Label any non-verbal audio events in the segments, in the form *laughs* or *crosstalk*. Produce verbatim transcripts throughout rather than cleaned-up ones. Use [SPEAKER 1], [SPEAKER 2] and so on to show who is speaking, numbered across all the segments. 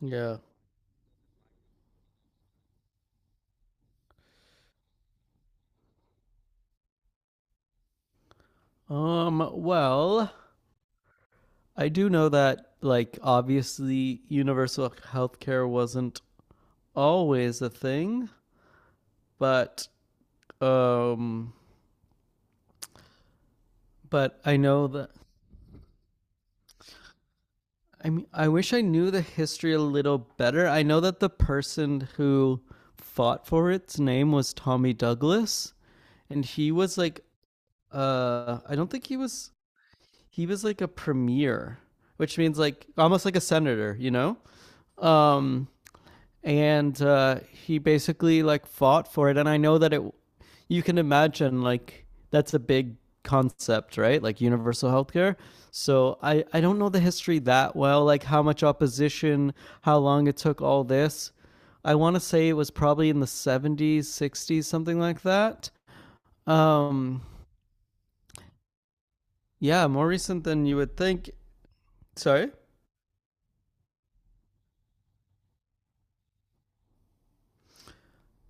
[SPEAKER 1] Yeah. Um, well, I do know that, like, obviously universal healthcare wasn't always a thing, but, um, but I know that, I mean, I wish I knew the history a little better. I know that the person who fought for its name was Tommy Douglas, and he was like, uh, I don't think he was, he was like a premier, which means like almost like a senator, you know? Um, and uh, He basically like fought for it. And I know that it, you can imagine like that's a big concept, right? Like universal healthcare. So I I don't know the history that well, like how much opposition, how long it took, all this. I want to say it was probably in the seventies, sixties, something like that. Um, yeah, more recent than you would think. Sorry.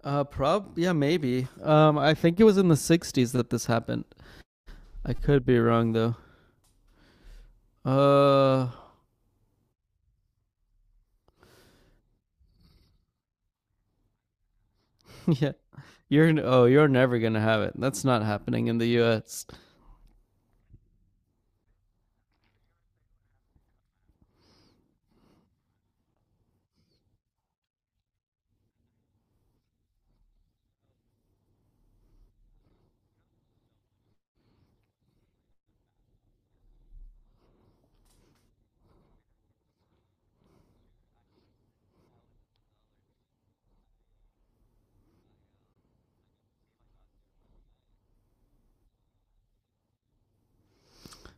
[SPEAKER 1] Uh, prob Yeah, maybe. Um, I think it was in the sixties that this happened. I could be wrong though. Uh, *laughs* yeah. You're oh, you're never gonna have it. That's not happening in the U S.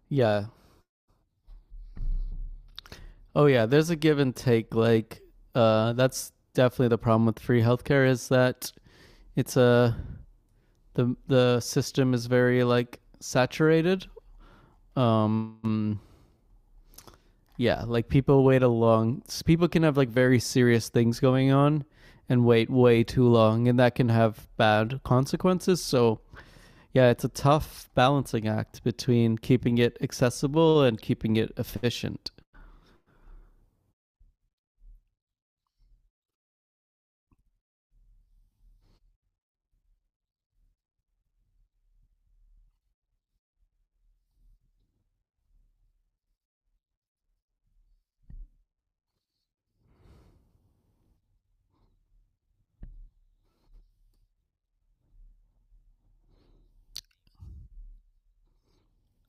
[SPEAKER 1] Yeah. Oh, yeah. There's a give and take. Like, uh, that's definitely the problem with free healthcare is that it's a the the system is very like saturated. Um, yeah. Like people wait a long. People can have like very serious things going on and wait way too long, and that can have bad consequences. So yeah, it's a tough balancing act between keeping it accessible and keeping it efficient.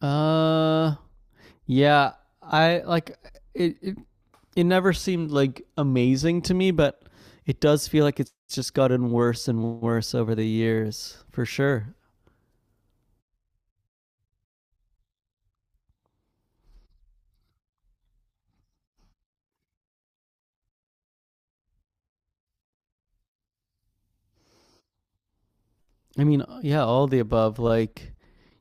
[SPEAKER 1] Uh, yeah, I like it. It, it never seemed like amazing to me, but it does feel like it's just gotten worse and worse over the years, for sure. I mean, yeah, all the above. Like,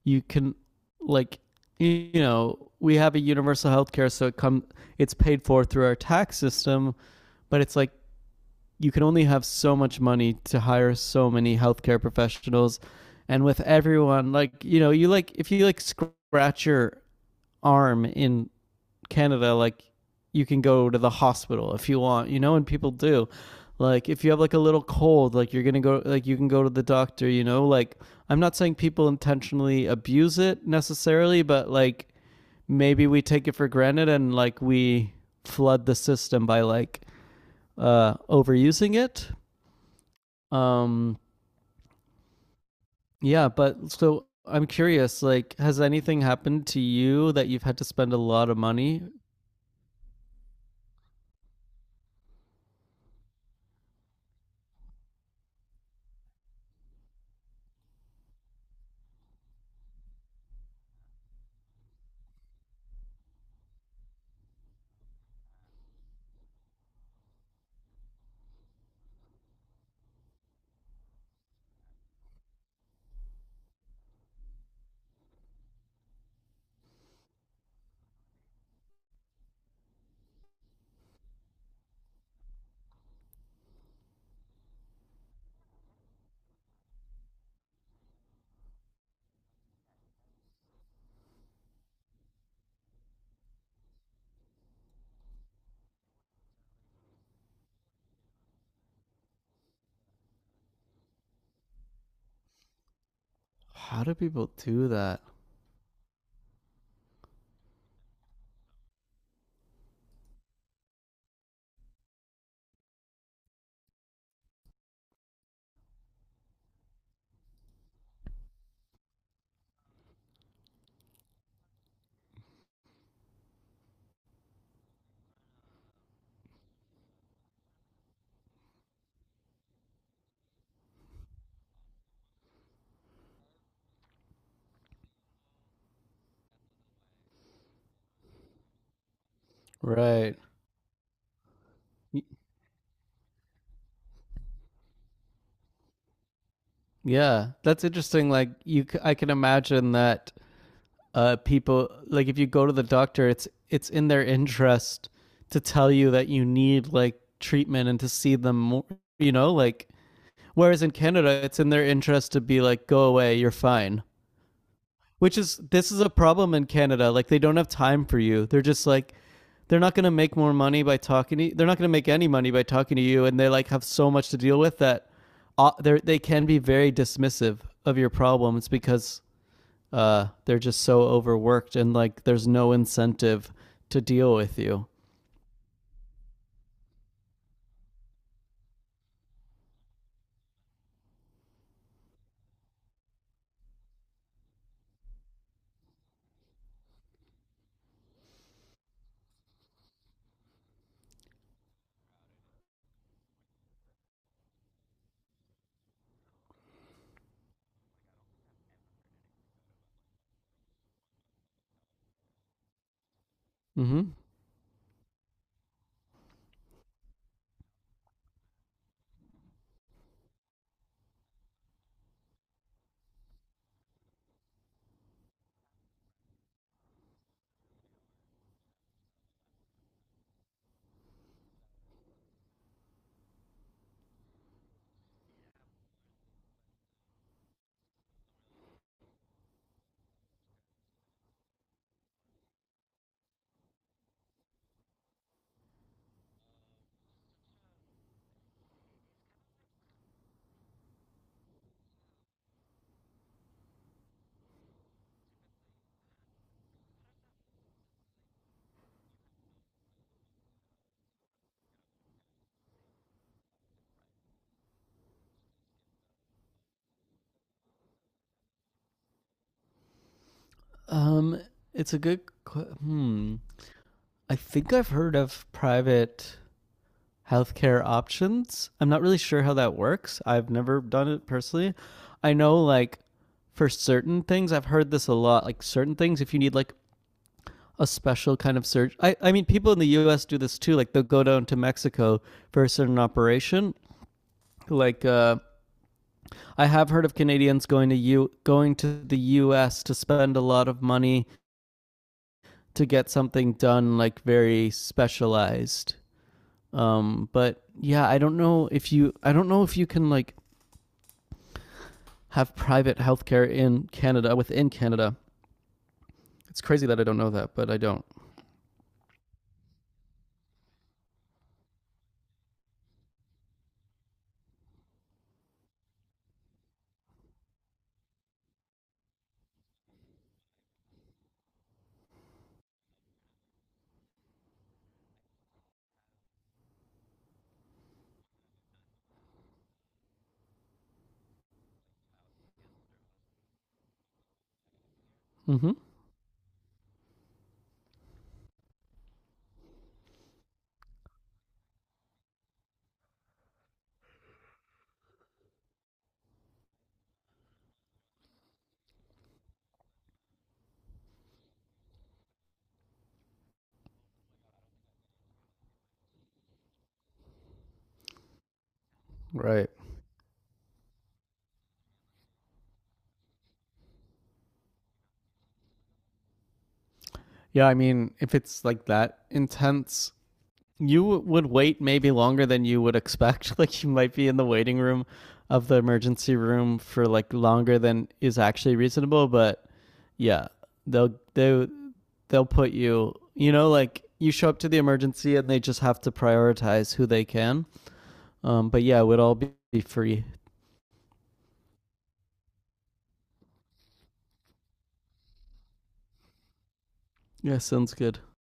[SPEAKER 1] you can, like, you know, we have a universal health care, so it come it's paid for through our tax system, but it's like you can only have so much money to hire so many healthcare professionals, and with everyone, like, you know, you like if you like scratch your arm in Canada, like you can go to the hospital if you want, you know, and people do. Like if you have like a little cold, like you're going to go, like you can go to the doctor, you know, like I'm not saying people intentionally abuse it necessarily, but like maybe we take it for granted and like we flood the system by like uh overusing it. um, yeah, but so I'm curious, like, has anything happened to you that you've had to spend a lot of money? How do people do that? Right. Y- Yeah, that's interesting. Like, you, c- I can imagine that uh, people, like, if you go to the doctor, it's it's in their interest to tell you that you need like treatment and to see them more, you know, like. Whereas in Canada, it's in their interest to be like, go away, you're fine. Which is this is a problem in Canada. Like they don't have time for you. They're just like they're not going to make more money by talking to you. They're not going to make any money by talking to you, and they like have so much to deal with that uh, they they can be very dismissive of your problems because uh, they're just so overworked and like there's no incentive to deal with you. hmm Um, it's a good. Qu- hmm. I think I've heard of private healthcare options. I'm not really sure how that works. I've never done it personally. I know like for certain things, I've heard this a lot. Like certain things, if you need like a special kind of surgery, I, I mean, people in the U S do this too. Like they'll go down to Mexico for a certain operation. Like uh, I have heard of Canadians going to U going to the U S to spend a lot of money to get something done like very specialized. Um, but yeah, I don't know if you I don't know if you can like have private healthcare in Canada, within Canada. It's crazy that I don't know that, but I don't. Mm-hmm. Right. Yeah, I mean, if it's like that intense, you would wait maybe longer than you would expect. *laughs* Like, you might be in the waiting room of the emergency room for like longer than is actually reasonable. But yeah, they'll they they'll put you. You know, like you show up to the emergency and they just have to prioritize who they can. Um, but yeah, it would all be free. Yeah, sounds good.